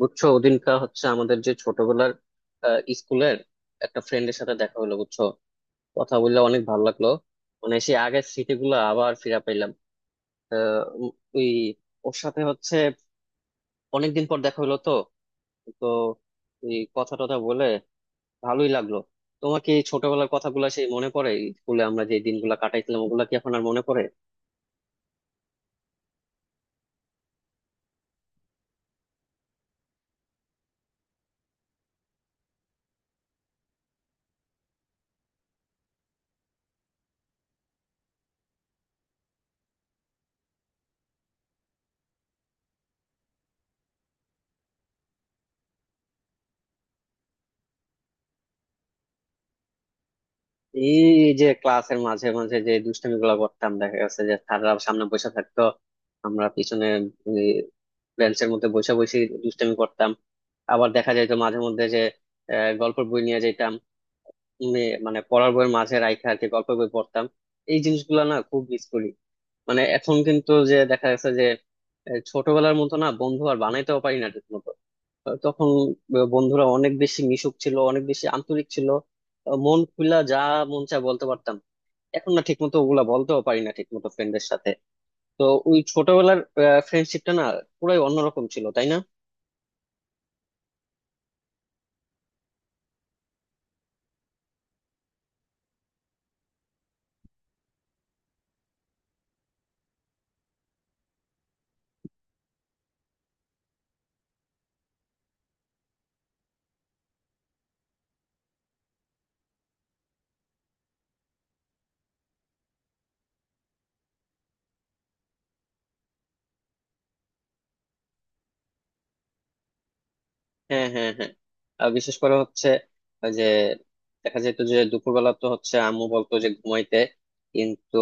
বুঝছো, ওদিনকার হচ্ছে আমাদের যে ছোটবেলার স্কুলের একটা ফ্রেন্ডের সাথে দেখা হলো। বুঝছো, কথা বললে অনেক ভালো লাগলো। মানে সেই আগের স্মৃতিগুলো আবার ফিরে পাইলাম। উম, ওই ওর সাথে হচ্ছে অনেকদিন পর দেখা হলো তো তো এই কথা টথা বলে ভালোই লাগলো। তোমার কি এই ছোটবেলার কথাগুলো সেই মনে পড়ে? স্কুলে আমরা যে দিনগুলো কাটাইছিলাম ওগুলা কি এখন আর মনে পড়ে? এই যে ক্লাসের মাঝে মাঝে যে দুষ্টামি গুলা করতাম, দেখা গেছে যে স্যাররা সামনে বসে থাকতো, আমরা পিছনে বেঞ্চের মধ্যে বসে বসে দুষ্টামি করতাম। আবার দেখা যাইতো মাঝে মধ্যে যে গল্পের বই নিয়ে যেতাম। মানে পড়ার বইয়ের মাঝে রাইখা আর কি গল্পের বই পড়তাম। এই জিনিসগুলা না খুব মিস করি। মানে এখন কিন্তু যে দেখা গেছে যে ছোটবেলার মতো না বন্ধু আর বানাইতেও পারি না ঠিক মতো। তখন বন্ধুরা অনেক বেশি মিশুক ছিল, অনেক বেশি আন্তরিক ছিল। মন খুলা যা মন চায় বলতে পারতাম। এখন না ঠিকমতো ওগুলা বলতেও পারি না ঠিকমতো ফ্রেন্ডদের সাথে। তো ওই ছোটবেলার ফ্রেন্ডশিপটা না পুরাই অন্যরকম ছিল, তাই না? হ্যাঁ, হ্যাঁ, হ্যাঁ। আর বিশেষ করে হচ্ছে ওই যে দেখা যেত যে দুপুরবেলা তো হচ্ছে আম্মু বলতো যে ঘুমাইতে, কিন্তু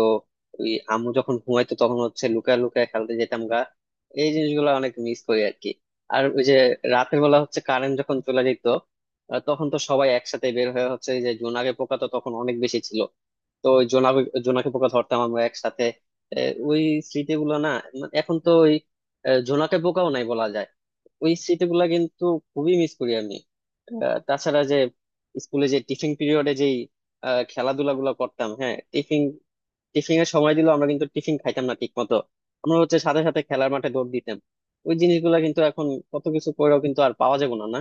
ওই আম্মু যখন ঘুমাইতো তখন হচ্ছে লুকায় লুকায় খেলতে যেতাম গা। এই জিনিসগুলো অনেক মিস করি আর কি। আর ওই যে রাতের বেলা হচ্ছে কারেন্ট যখন চলে যেত, তখন তো সবাই একসাথে বের হয়ে হচ্ছে এই যে জোনাকি পোকা তো তখন অনেক বেশি ছিল। তো ওই জোনাকি জোনাকি পোকা ধরতাম আমরা একসাথে। এ, ওই স্মৃতিগুলো না, মানে এখন তো ওই জোনাকি পোকাও নাই বলা যায়। ওই স্মৃতিগুলা কিন্তু খুবই মিস করি আমি। তাছাড়া যে স্কুলে যে টিফিন পিরিয়ডে যেই খেলাধুলা গুলো করতাম। হ্যাঁ, টিফিন টিফিনের সময় দিলেও আমরা কিন্তু টিফিন খাইতাম না ঠিক মতো। আমরা হচ্ছে সাথে সাথে খেলার মাঠে দৌড় দিতাম। ওই জিনিসগুলা কিন্তু এখন কত কিছু করেও কিন্তু আর পাওয়া যাবে না, না।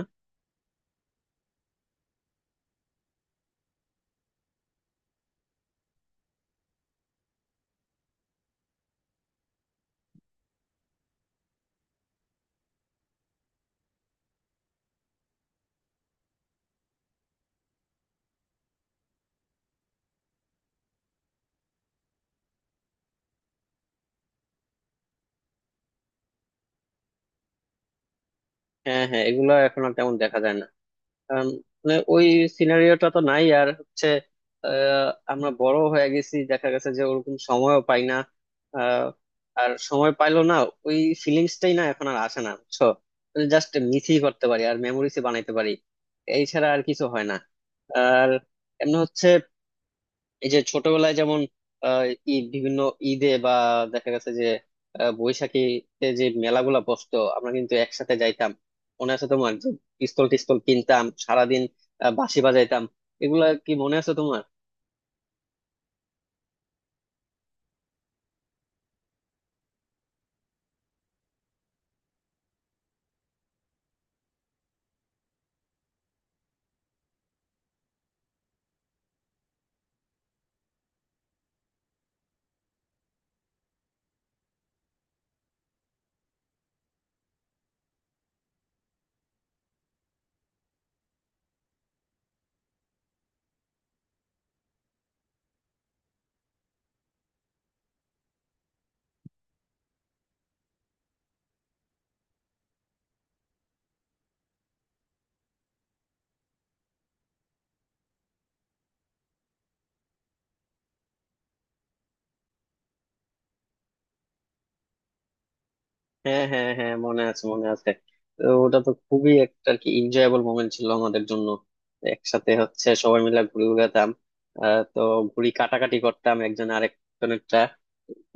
হ্যাঁ, হ্যাঁ, এগুলো এখন আর তেমন দেখা যায় না। আম, মানে ওই সিনারিওটা তো নাই আর হচ্ছে আমরা বড় হয়ে গেছি, দেখা গেছে যে ওরকম সময়ও পাই না। আহ, আর সময় পাইলো না, ওই ফিলিংসটাই না এখন আর আসে না, বুঝছো। জাস্ট মিসই করতে পারি আর মেমোরিজ বানাইতে পারি। এই ছাড়া আর কিছু হয় না। আর এমনি হচ্ছে এই যে ছোটবেলায় যেমন আহ ঈদ বিভিন্ন ঈদে বা দেখা গেছে যে বৈশাখীতে যে মেলাগুলা বসতো আমরা কিন্তু একসাথে যাইতাম। মনে আছে তোমার যে পিস্তল টিস্তল কিনতাম সারাদিন, বাঁশি বাজাইতাম। এগুলা কি মনে আছে তোমার? হ্যাঁ, হ্যাঁ, হ্যাঁ, মনে আছে, মনে আছে। তো ওটা তো খুবই একটা আর কি এনজয়েবল মোমেন্ট ছিল আমাদের জন্য। একসাথে হচ্ছে সবাই মিলে ঘুরে বেড়াতাম। তো ঘুড়ি কাটাকাটি করতাম একজন আরেকজনের।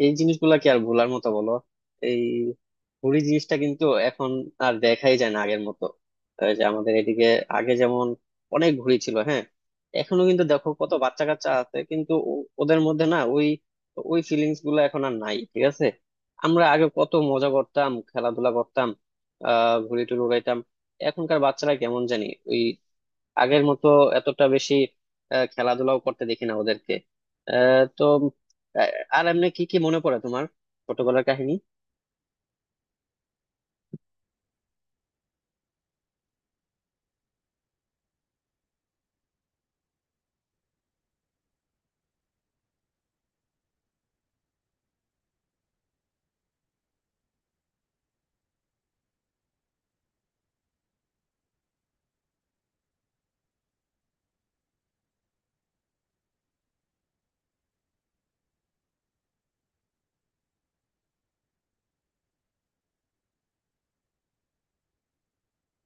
এই জিনিসগুলা কি আর ভোলার মতো, বলো? এই হুড়ি জিনিসটা কিন্তু এখন আর দেখাই যায় না আগের মতো। এই যে আমাদের এদিকে আগে যেমন অনেক ঘুড়ি ছিল, হ্যাঁ। এখনো কিন্তু দেখো কত বাচ্চা কাচ্চা আছে, কিন্তু ওদের মধ্যে না ওই ওই ফিলিংস গুলো এখন আর নাই, ঠিক আছে। আমরা আগে কত মজা করতাম, খেলাধুলা করতাম, ঘুড়ি টুড়ি উড়াইতাম। এখনকার বাচ্চারা কেমন জানি আগের মতো এতটা বেশি খেলাধুলাও করতে দেখি না ওদেরকে। আহ, তো আহ, আর এমনি কি কি মনে পড়ে তোমার, ছোটবেলার কাহিনী?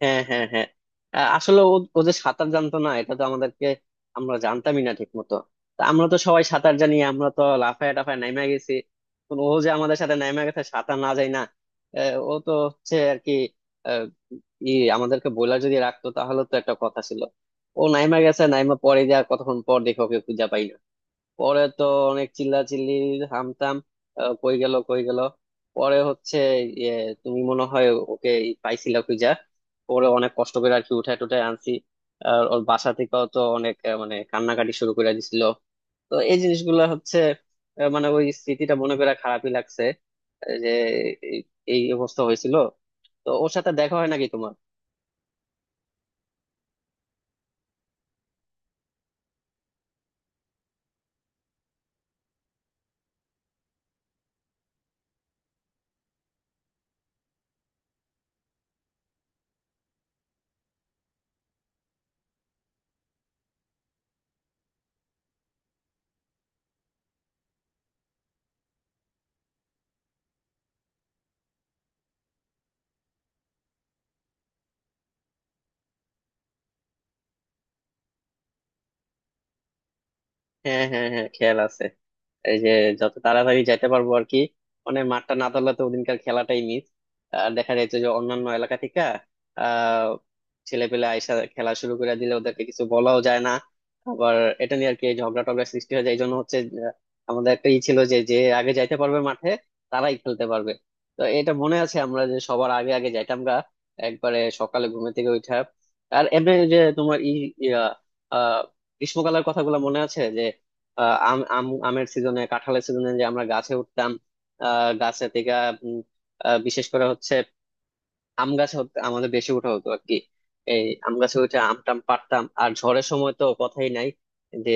হ্যাঁ, হ্যাঁ, হ্যাঁ। আসলে ও ও যে সাঁতার জানতো না এটা তো আমাদেরকে আমরা জানতামই না ঠিক মতো। তা আমরা তো সবাই সাঁতার জানি, আমরা তো লাফায় টাফায় নাইমা গেছি, কিন্তু ও যে আমাদের সাথে নাইমা গেছে সাঁতার না যায় না। ও তো হচ্ছে আর কি আহ, ই আমাদেরকে বইলা যদি রাখতো তাহলে তো একটা কথা ছিল। ও নাইমা গেছে, নাইমা পরে যা কতক্ষণ পর দেখে ওকে খুঁজে পাই না। পরে তো অনেক চিল্লাচিল্লি, হামতাম, কই গেল কই গেল। পরে হচ্ছে ইয়ে তুমি মনে হয় ওকে পাইছিলা খুঁজা। পরে অনেক কষ্ট করে আর কি উঠায় টুঠায় আনছি। আর ওর বাসা থেকেও তো অনেক মানে কান্নাকাটি শুরু করে দিছিল। তো এই জিনিসগুলো হচ্ছে মানে ওই স্মৃতিটা মনে করে খারাপই লাগছে। যে এই এই অবস্থা হয়েছিল। তো ওর সাথে দেখা হয় নাকি তোমার? হ্যাঁ, হ্যাঁ, হ্যাঁ, খেয়াল আছে। এই যে যত তাড়াতাড়ি যেতে পারবো আর কি, মানে মাঠটা না ধরলে তো ওদিনকার খেলাটাই মিস। আর দেখা যাচ্ছে যে অন্যান্য এলাকা থেকে আহ ছেলেপেলে আইসা খেলা শুরু করে দিলে ওদেরকে কিছু বলাও যায় না। আবার এটা নিয়ে আর কি ঝগড়া টগড়া সৃষ্টি হয়ে যায়। এই জন্য হচ্ছে আহ, আমাদের একটা ই ছিল যে যে আগে যাইতে পারবে মাঠে তারাই খেলতে পারবে। তো এটা মনে আছে আমরা যে সবার আগে আগে যাইতাম গা একবারে সকালে ঘুম থেকে উঠা। আর এমনি যে তোমার ই ইয়া, আহ গ্রীষ্মকালের কথাগুলো মনে আছে? আহ, আম আম আমের সিজনে, কাঁঠালের সিজনে যে আমরা গাছে উঠতাম, আহ গাছে থেকে। উম, বিশেষ করে হচ্ছে আম গাছে আমাদের বেশি ওঠা হতো আর কি। এই আম গাছে উঠে আম টাম পাড়তাম। আর ঝড়ের সময় তো কথাই নাই, যে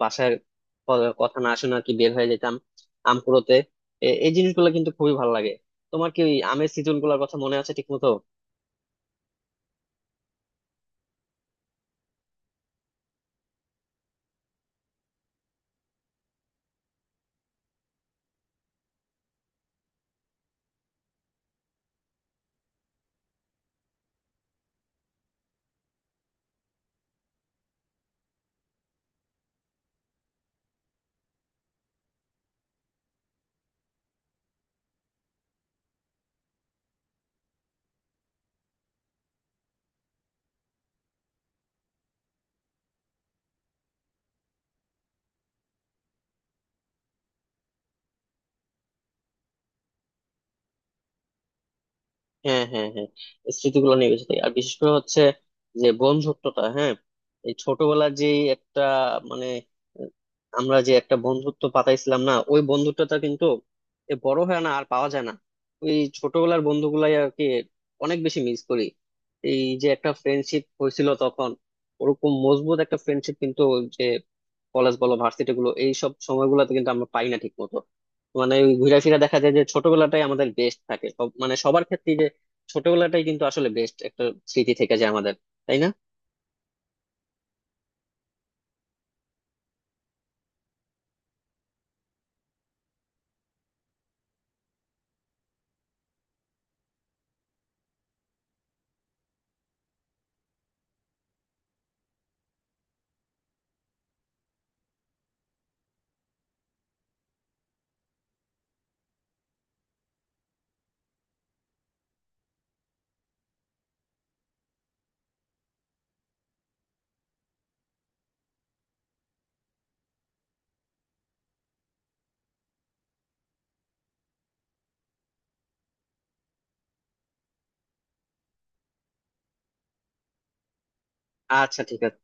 বাসার কথা না শোনা কি বের হয়ে যেতাম আম কুড়োতে। এই জিনিসগুলো কিন্তু খুবই ভালো লাগে। তোমার কি ওই আমের সিজন গুলোর কথা মনে আছে ঠিক মতো? হ্যাঁ, হ্যাঁ, হ্যাঁ। স্মৃতিগুলো নিয়ে বেঁচে থাকি আর বিশেষ করে হচ্ছে যে বন্ধুত্বটা, হ্যাঁ। এই ছোটবেলার যে একটা, মানে আহ, আমরা যে একটা বন্ধুত্ব পাতাইছিলাম না, ওই বন্ধুত্বটা কিন্তু এ বড় হয় না, আর পাওয়া যায় না। ওই ছোটবেলার বন্ধুগুলাই আর কি অনেক বেশি মিস করি। এই যে একটা ফ্রেন্ডশিপ হয়েছিল তখন, ওরকম মজবুত একটা ফ্রেন্ডশিপ কিন্তু কলেজ বলো, ভার্সিটি গুলো এইসব সময়গুলোতে কিন্তু আমরা পাই না ঠিক মতো। মানে ওই ঘুরে ফিরে দেখা যায় যে ছোটবেলাটাই আমাদের বেস্ট থাকে, সব মানে সবার ক্ষেত্রে যে ছোটবেলাটাই কিন্তু আসলে বেস্ট একটা স্মৃতি থেকে যায় আমাদের, তাই না? আচ্ছা, ঠিক আছে।